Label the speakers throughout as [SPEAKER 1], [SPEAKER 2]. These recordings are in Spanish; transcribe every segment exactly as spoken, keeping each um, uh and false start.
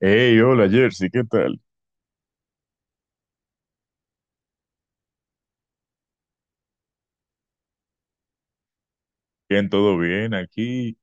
[SPEAKER 1] Hey, hola Jersey, ¿qué tal? ¿Bien, todo bien? Aquí,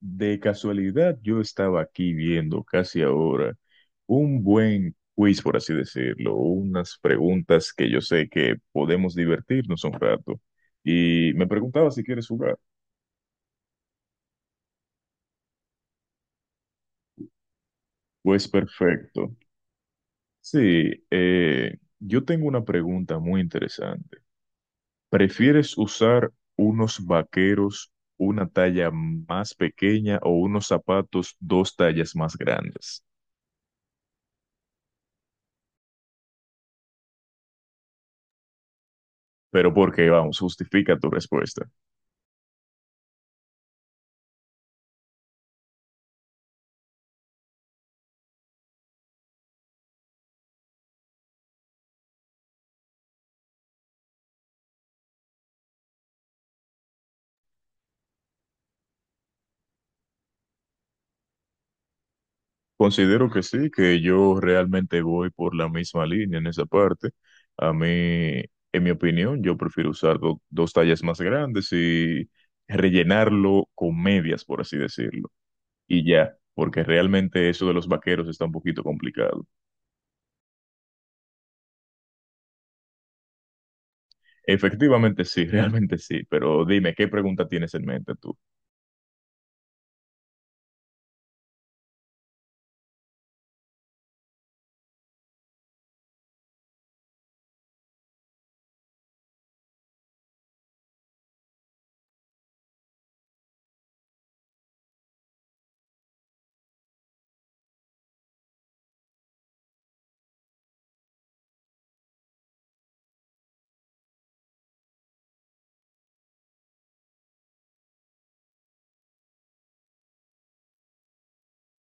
[SPEAKER 1] de casualidad, yo estaba aquí viendo casi ahora un buen quiz, por así decirlo, unas preguntas que yo sé que podemos divertirnos un rato. Y me preguntaba si quieres jugar. Pues perfecto. Sí, eh, yo tengo una pregunta muy interesante. ¿Prefieres usar unos vaqueros una talla más pequeña o unos zapatos dos tallas más grandes? Pero porque, vamos, justifica tu respuesta. Considero que sí, que yo realmente voy por la misma línea en esa parte. A mí, en mi opinión, yo prefiero usar do- dos tallas más grandes y rellenarlo con medias, por así decirlo. Y ya, porque realmente eso de los vaqueros está un poquito complicado. Efectivamente sí, realmente sí, pero dime, ¿qué pregunta tienes en mente tú?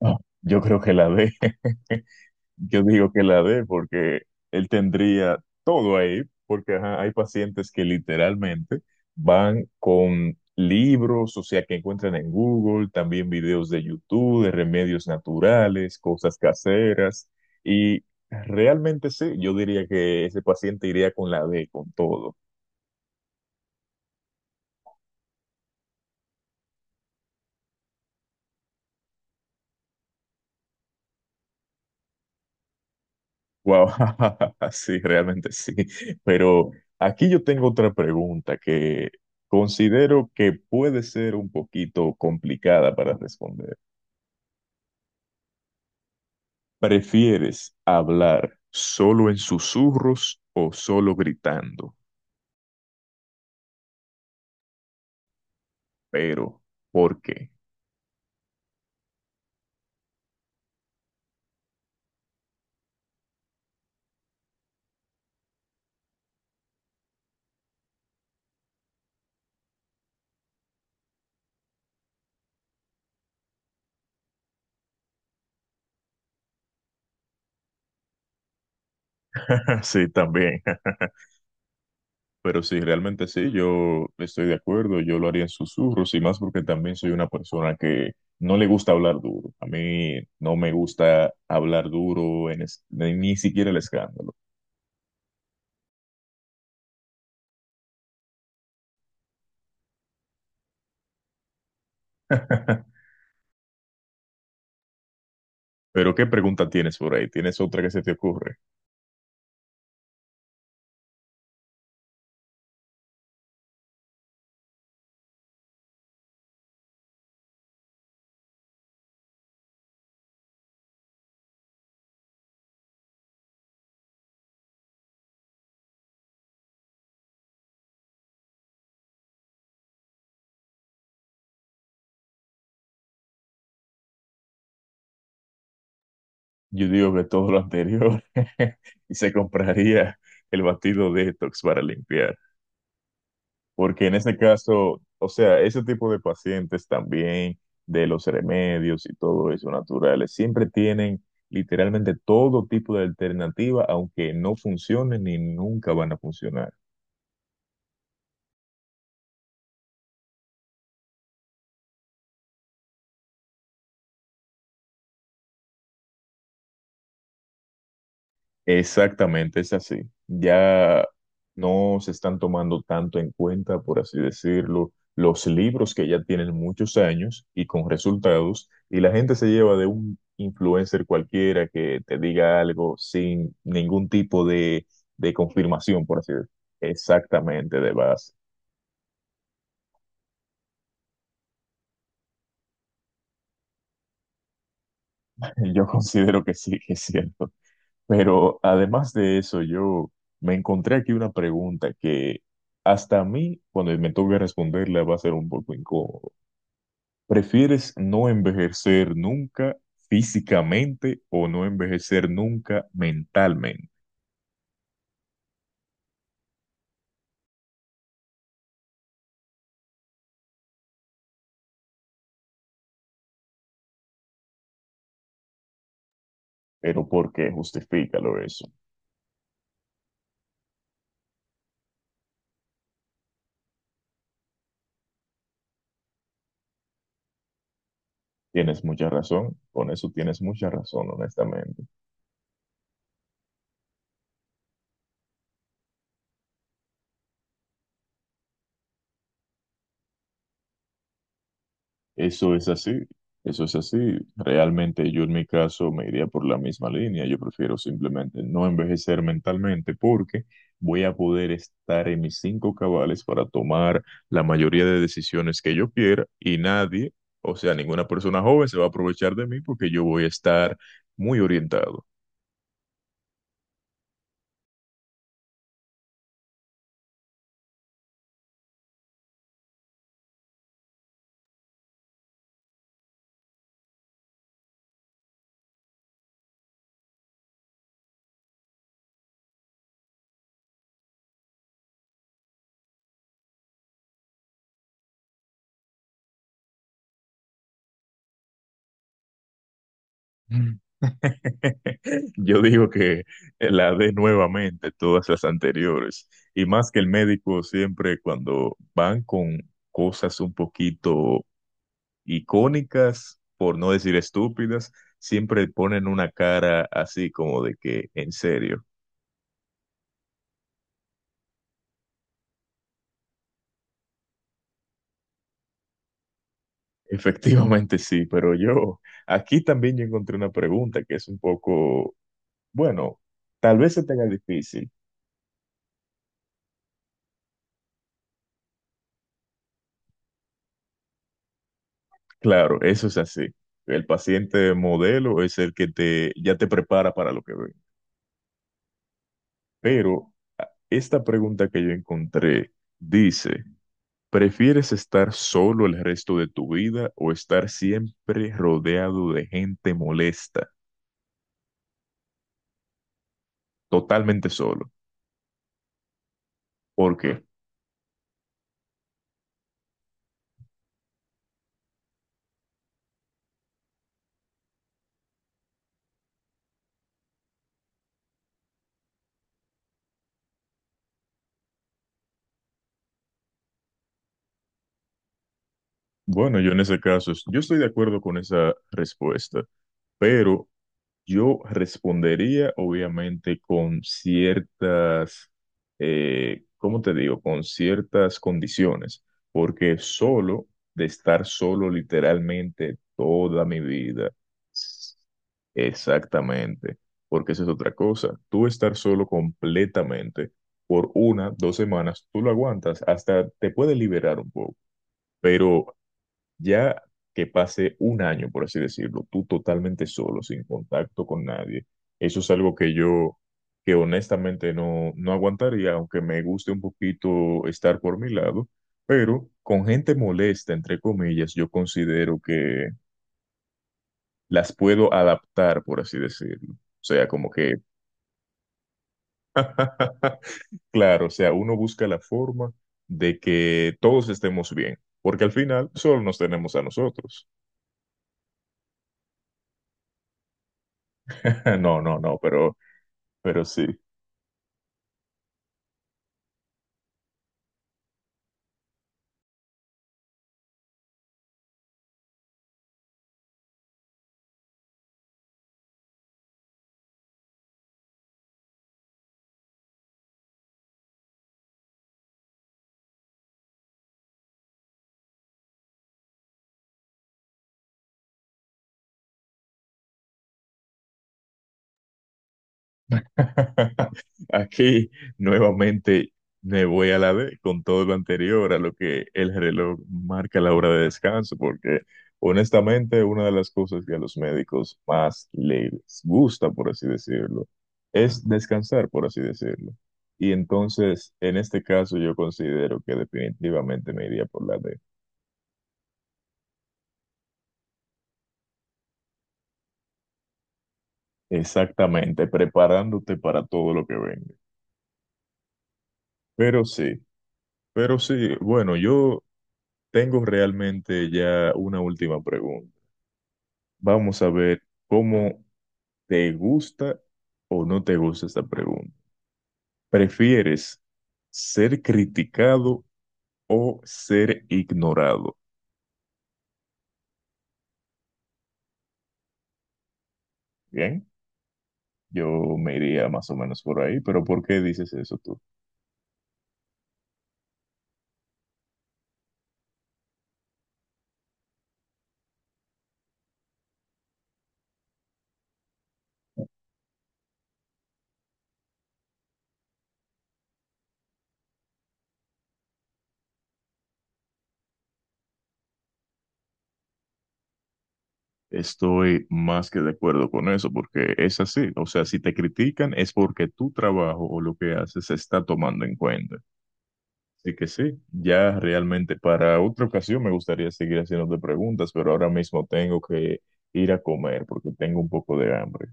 [SPEAKER 1] Ah, yo creo que la de... Yo digo que la D, porque él tendría todo ahí, porque ajá, hay pacientes que literalmente van con libros, o sea, que encuentran en Google, también videos de YouTube, de remedios naturales, cosas caseras, y realmente sí, yo diría que ese paciente iría con la D, con todo. Wow, sí, realmente sí. Pero aquí yo tengo otra pregunta que considero que puede ser un poquito complicada para responder. ¿Prefieres hablar solo en susurros o solo gritando? Pero, ¿por qué? Sí, también. Pero sí, realmente sí, yo estoy de acuerdo, yo lo haría en susurros y más porque también soy una persona que no le gusta hablar duro. A mí no me gusta hablar duro, en es- ni ni siquiera el escándalo. Pero ¿qué pregunta tienes por ahí? ¿Tienes otra que se te ocurre? Yo digo que todo lo anterior y se compraría el batido detox para limpiar. Porque en ese caso, o sea, ese tipo de pacientes también, de los remedios y todo eso naturales, siempre tienen literalmente todo tipo de alternativa, aunque no funcionen ni nunca van a funcionar. Exactamente, es así. Ya no se están tomando tanto en cuenta, por así decirlo, los libros que ya tienen muchos años y con resultados, y la gente se lleva de un influencer cualquiera que te diga algo sin ningún tipo de, de confirmación, por así decirlo. Exactamente, de base. Yo considero que sí, que es cierto. Pero además de eso, yo me encontré aquí una pregunta que hasta a mí, cuando me toque responderla, va a ser un poco incómodo. ¿Prefieres no envejecer nunca físicamente o no envejecer nunca mentalmente? Pero ¿por qué? Justifícalo eso. Tienes mucha razón. Con eso tienes mucha razón, honestamente. Eso es así, eso es así. Realmente yo en mi caso me iría por la misma línea. Yo prefiero simplemente no envejecer mentalmente porque voy a poder estar en mis cinco cabales para tomar la mayoría de decisiones que yo quiera y nadie, o sea, ninguna persona joven se va a aprovechar de mí porque yo voy a estar muy orientado. Yo digo que la dé nuevamente todas las anteriores. Y más que el médico siempre cuando van con cosas un poquito icónicas, por no decir estúpidas, siempre ponen una cara así como de que, en serio. Efectivamente sí, pero yo aquí también yo encontré una pregunta que es un poco, bueno, tal vez se tenga difícil. Claro, eso es así. El paciente modelo es el que te, ya te prepara para lo que ve. Pero a- esta pregunta que yo encontré dice, ¿prefieres estar solo el resto de tu vida o estar siempre rodeado de gente molesta, totalmente solo? ¿Por qué? Bueno, yo en ese caso, es- yo estoy de acuerdo con esa respuesta, pero yo respondería obviamente con ciertas, eh, ¿cómo te digo? Con ciertas condiciones, porque solo, de estar solo literalmente toda mi vida, exactamente, porque esa es otra cosa. Tú estar solo completamente por una, dos semanas, tú lo aguantas, hasta te puede liberar un poco, pero ya que pase un año, por así decirlo, tú totalmente solo, sin contacto con nadie, eso es algo que yo, que honestamente no, no aguantaría, aunque me guste un poquito estar por mi lado, pero con gente molesta, entre comillas, yo considero que las puedo adaptar, por así decirlo. O sea, como que, claro, o sea, uno busca la forma de que todos estemos bien, porque al final solo nos tenemos a nosotros. No, no, no, pero Pero sí. Aquí nuevamente me voy a la D con todo lo anterior a lo que el reloj marca la hora de descanso, porque honestamente una de las cosas que a los médicos más les gusta, por así decirlo, es descansar, por así decirlo. Y entonces, en este caso, yo considero que definitivamente me iría por la D. Exactamente, preparándote para todo lo que venga. Pero sí, pero sí, bueno, yo tengo realmente ya una última pregunta. Vamos a ver cómo te gusta o no te gusta esta pregunta. ¿Prefieres ser criticado o ser ignorado? Bien, yo me iría más o menos por ahí, pero ¿por qué dices eso tú? Estoy más que de acuerdo con eso, porque es así. O sea, si te critican es porque tu trabajo o lo que haces se está tomando en cuenta. Así que sí, ya realmente para otra ocasión me gustaría seguir haciéndote preguntas, pero ahora mismo tengo que ir a comer porque tengo un poco de hambre.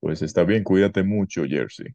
[SPEAKER 1] Pues está bien, cuídate mucho, Jersey.